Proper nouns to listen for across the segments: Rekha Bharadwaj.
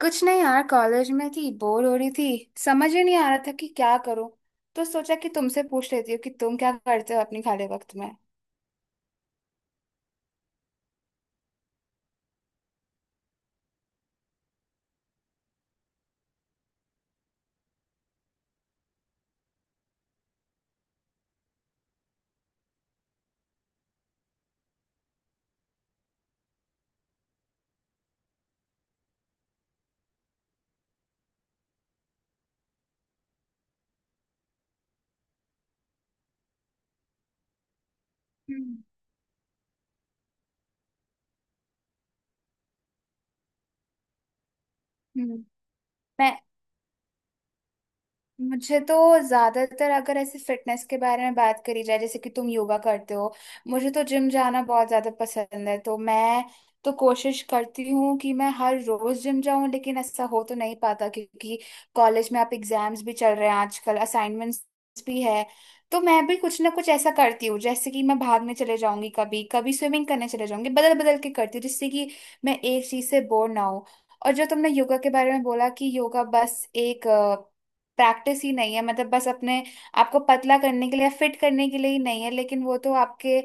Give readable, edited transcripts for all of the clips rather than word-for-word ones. कुछ नहीं यार, कॉलेज में थी, बोर हो रही थी। समझ ही नहीं आ रहा था कि क्या करूं। तो सोचा कि तुमसे पूछ लेती हूँ कि तुम क्या करते हो अपने खाली वक्त में। हम्म। हम्म। मैं मुझे तो ज्यादातर अगर ऐसे फिटनेस के बारे में बात करी जाए, जैसे कि तुम योगा करते हो, मुझे तो जिम जाना बहुत ज्यादा पसंद है, तो मैं तो कोशिश करती हूँ कि मैं हर रोज जिम जाऊँ, लेकिन ऐसा हो तो नहीं पाता क्योंकि कॉलेज में आप एग्जाम्स भी चल रहे हैं आजकल, असाइनमेंट्स भी है। तो मैं भी कुछ ना कुछ ऐसा करती हूँ, जैसे कि मैं भागने चले जाऊंगी, कभी कभी स्विमिंग करने चले जाऊंगी, बदल बदल के करती हूँ, जिससे कि मैं एक चीज से बोर ना हूँ। और जो तुमने योगा के बारे में बोला कि योगा बस एक प्रैक्टिस ही नहीं है, मतलब बस अपने आपको पतला करने के लिए, फिट करने के लिए ही नहीं है, लेकिन वो तो आपके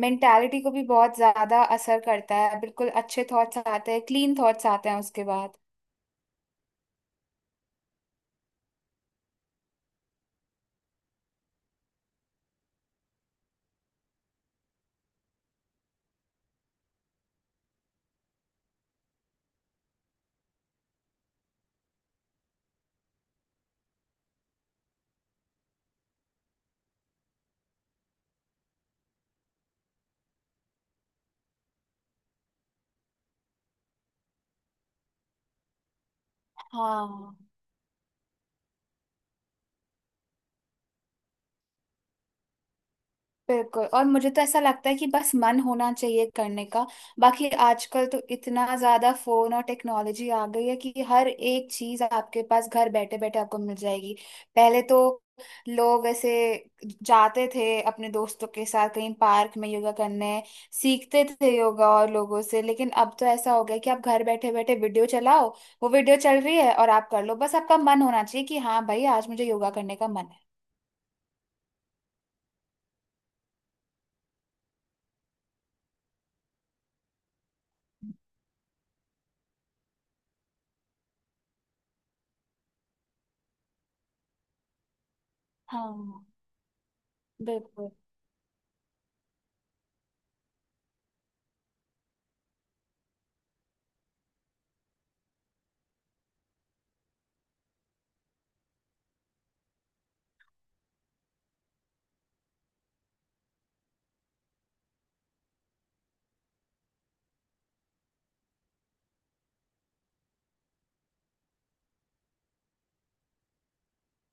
मेंटालिटी को भी बहुत ज्यादा असर करता है, बिल्कुल अच्छे थॉट्स आते हैं, क्लीन थॉट्स आते हैं उसके बाद। हाँ बिल्कुल। और मुझे तो ऐसा लगता है कि बस मन होना चाहिए करने का। बाकी आजकल तो इतना ज्यादा फोन और टेक्नोलॉजी आ गई है कि हर एक चीज आपके पास घर बैठे बैठे आपको मिल जाएगी। पहले तो लोग ऐसे जाते थे अपने दोस्तों के साथ कहीं पार्क में योगा करने, सीखते थे योगा और लोगों से, लेकिन अब तो ऐसा हो गया कि आप घर बैठे बैठे वीडियो चलाओ, वो वीडियो चल रही है और आप कर लो, बस आपका मन होना चाहिए कि हाँ भाई आज मुझे योगा करने का मन है। हाँ बिल्कुल।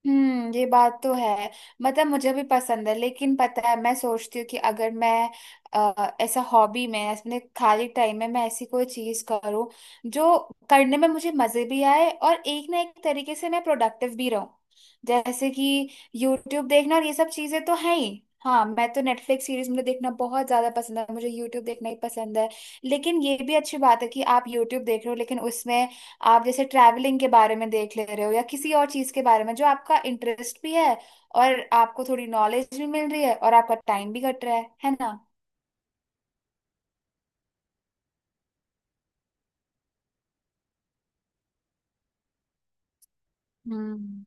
हम्म, ये बात तो है। मतलब मुझे भी पसंद है, लेकिन पता है मैं सोचती हूँ कि अगर मैं ऐसा हॉबी में अपने खाली टाइम में मैं ऐसी कोई चीज करूँ जो करने में मुझे मजे भी आए और एक ना एक तरीके से मैं प्रोडक्टिव भी रहूँ। जैसे कि यूट्यूब देखना और ये सब चीजें तो है ही, हाँ मैं तो नेटफ्लिक्स सीरीज मुझे देखना बहुत ज्यादा पसंद है, मुझे यूट्यूब देखना ही पसंद है। लेकिन ये भी अच्छी बात है कि आप यूट्यूब देख रहे हो, लेकिन उसमें आप जैसे ट्रैवलिंग के बारे में देख ले रहे हो या किसी और चीज के बारे में जो आपका इंटरेस्ट भी है, और आपको थोड़ी नॉलेज भी मिल रही है और आपका टाइम भी कट रहा है ना। हम्म।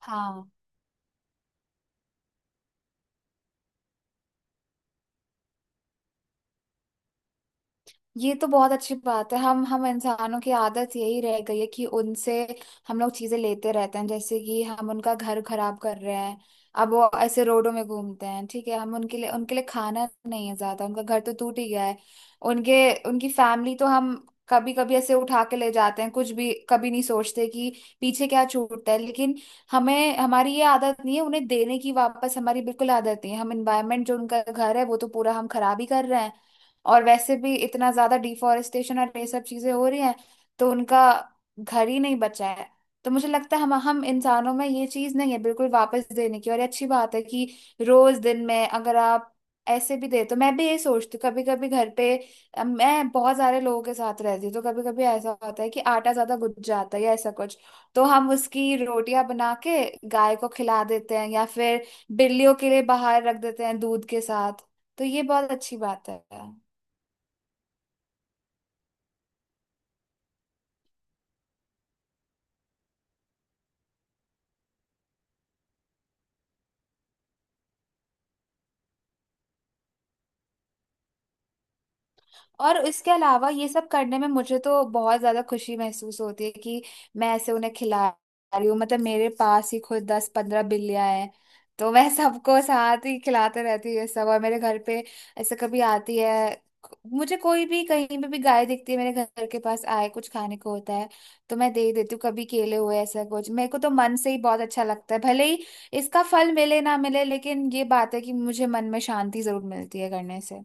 हाँ, ये तो बहुत अच्छी बात है। हम इंसानों की आदत यही रह गई है कि उनसे हम लोग चीजें लेते रहते हैं, जैसे कि हम उनका घर खराब कर रहे हैं। अब वो ऐसे रोडों में घूमते हैं, ठीक है, हम उनके लिए खाना नहीं है ज्यादा, उनका घर तो टूट ही गया है, उनके उनकी फैमिली तो हम कभी कभी ऐसे उठा के ले जाते हैं, कुछ भी कभी नहीं सोचते कि पीछे क्या छूटता है। लेकिन हमें हमारी ये आदत नहीं है उन्हें देने की वापस, हमारी बिल्कुल आदत नहीं है। हम इन्वायरमेंट जो उनका घर है, वो तो पूरा हम खराब ही कर रहे हैं। और वैसे भी इतना ज्यादा डिफोरेस्टेशन और ये सब चीजें हो रही हैं, तो उनका घर ही नहीं बचा है। तो मुझे लगता है हम इंसानों में ये चीज नहीं है बिल्कुल वापस देने की। और ये अच्छी बात है कि रोज दिन में अगर आप ऐसे भी दे, तो मैं भी ये सोचती हूँ कभी कभी घर पे, मैं बहुत सारे लोगों के साथ रहती हूँ तो कभी कभी ऐसा होता है कि आटा ज्यादा गुज जाता है या ऐसा कुछ, तो हम उसकी रोटियां बना के गाय को खिला देते हैं या फिर बिल्लियों के लिए बाहर रख देते हैं दूध के साथ, तो ये बहुत अच्छी बात है। और इसके अलावा ये सब करने में मुझे तो बहुत ज्यादा खुशी महसूस होती है कि मैं ऐसे उन्हें खिला रही हूँ। मतलब मेरे पास ही खुद 10-15 बिल्लियां हैं, तो मैं सबको साथ ही खिलाते रहती हूँ ये सब। और मेरे घर पे ऐसे कभी आती है, मुझे कोई भी कहीं पे भी गाय दिखती है, मेरे घर के पास आए कुछ खाने को होता है तो मैं दे देती हूँ, कभी केले हुए, ऐसा कुछ। मेरे को तो मन से ही बहुत अच्छा लगता है, भले ही इसका फल मिले ना मिले, लेकिन ये बात है कि मुझे मन में शांति जरूर मिलती है करने से।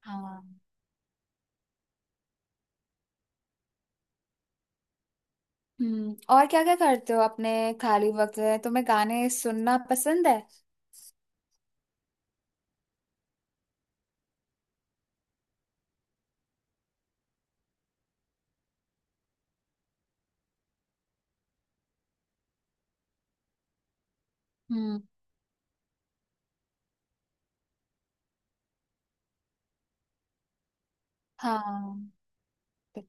हाँ। हम्म, और क्या क्या करते हो अपने खाली वक्त में, तुम्हें गाने सुनना पसंद है? हम्म। हाँ। तो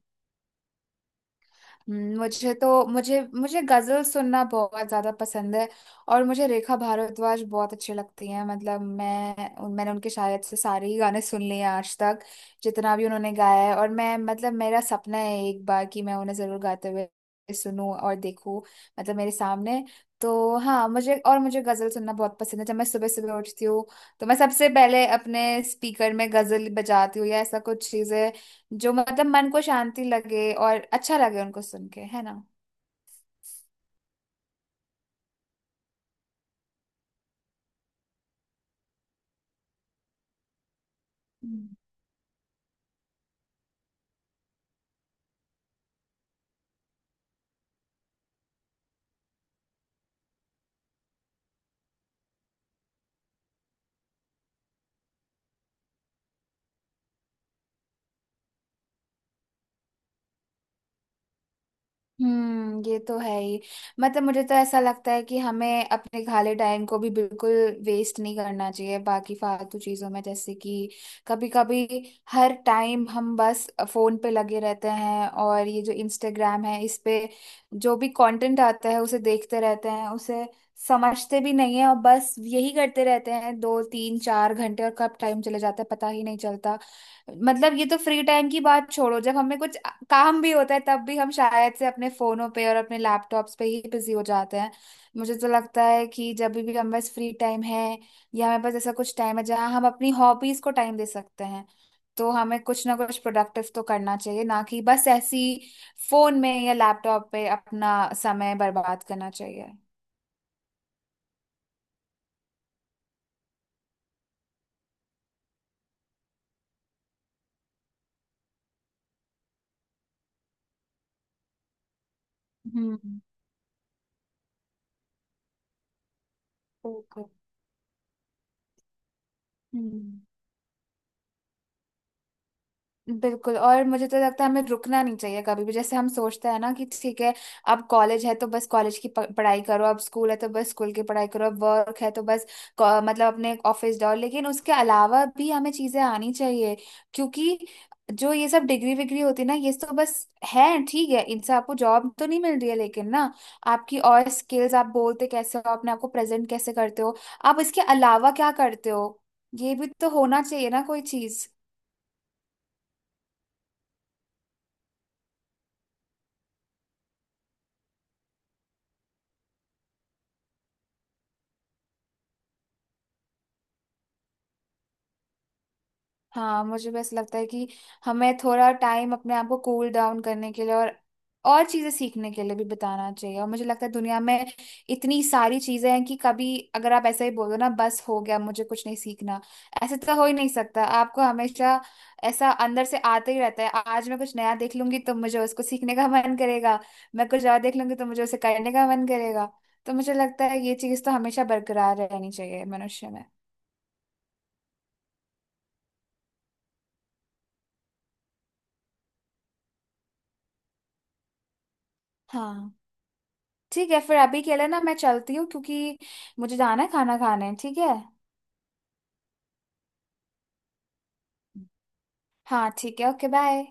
मुझे तो मुझे मुझे गजल सुनना बहुत ज्यादा पसंद है। और मुझे रेखा भारद्वाज बहुत अच्छी लगती हैं, मतलब मैं मैंने उनके शायद से सारे ही गाने सुन लिए हैं आज तक, जितना भी उन्होंने गाया है। और मैं मतलब मेरा सपना है एक बार कि मैं उन्हें जरूर गाते हुए सुनूं और देखूं, मतलब मेरे सामने। तो हाँ, मुझे गजल सुनना बहुत पसंद है, जब मैं सुबह सुबह उठती हूँ तो मैं सबसे पहले अपने स्पीकर में गजल बजाती हूँ, या ऐसा कुछ चीजें जो मतलब मन को शांति लगे और अच्छा लगे, उनको सुन के, है ना। हम्म। ये तो है ही। मतलब मुझे तो ऐसा लगता है कि हमें अपने खाली टाइम को भी बिल्कुल वेस्ट नहीं करना चाहिए बाकी फालतू चीजों में, जैसे कि कभी कभी, हर टाइम हम बस फोन पे लगे रहते हैं, और ये जो इंस्टाग्राम है इस पे जो भी कंटेंट आता है उसे देखते रहते हैं, उसे समझते भी नहीं है और बस यही करते रहते हैं 2-3-4 घंटे, और कब टाइम चले जाता है पता ही नहीं चलता। मतलब ये तो फ्री टाइम की बात छोड़ो, जब हमें कुछ काम भी होता है तब भी हम शायद से अपने फोनों पे और अपने लैपटॉप्स पे ही बिजी हो जाते हैं। मुझे तो लगता है कि जब भी हमारे पास फ्री टाइम है या हमारे पास ऐसा कुछ टाइम है जहाँ हम अपनी हॉबीज को टाइम दे सकते हैं, तो हमें कुछ ना कुछ प्रोडक्टिव तो करना चाहिए, ना कि बस ऐसी फोन में या लैपटॉप पे अपना समय बर्बाद करना चाहिए। हम्म। ओके। हम्म। बिल्कुल, और मुझे तो लगता है हमें रुकना नहीं चाहिए कभी भी, जैसे हम सोचते हैं ना कि ठीक है, अब कॉलेज है तो बस कॉलेज की पढ़ाई करो, अब स्कूल है तो बस स्कूल की पढ़ाई करो, अब वर्क है तो बस मतलब अपने ऑफिस जाओ, लेकिन उसके अलावा भी हमें चीजें आनी चाहिए, क्योंकि जो ये सब डिग्री विग्री होती है ना ये तो बस है, ठीक है, इनसे आपको जॉब तो नहीं मिल रही है, लेकिन ना, आपकी और स्किल्स, आप बोलते कैसे हो, अपने आपको प्रेजेंट कैसे करते हो, आप इसके अलावा क्या करते हो, ये भी तो होना चाहिए ना कोई चीज। हाँ, मुझे बस लगता है कि हमें थोड़ा टाइम अपने आप को कूल डाउन करने के लिए और चीजें सीखने के लिए भी बिताना चाहिए। और मुझे लगता है दुनिया में इतनी सारी चीजें हैं कि कभी अगर आप ऐसे ही बोल दो ना बस हो गया, मुझे कुछ नहीं सीखना, ऐसे तो हो ही नहीं सकता। आपको हमेशा ऐसा अंदर से आते ही रहता है, आज मैं कुछ नया देख लूंगी तो मुझे उसको सीखने का मन करेगा, मैं कुछ और देख लूंगी तो मुझे उसे करने का मन करेगा। तो मुझे लगता है ये चीज तो हमेशा बरकरार रहनी चाहिए मनुष्य में। हाँ ठीक है, फिर अभी के लिए ना मैं चलती हूँ क्योंकि मुझे जाना है खाना खाने। ठीक है। हाँ ठीक है, ओके बाय।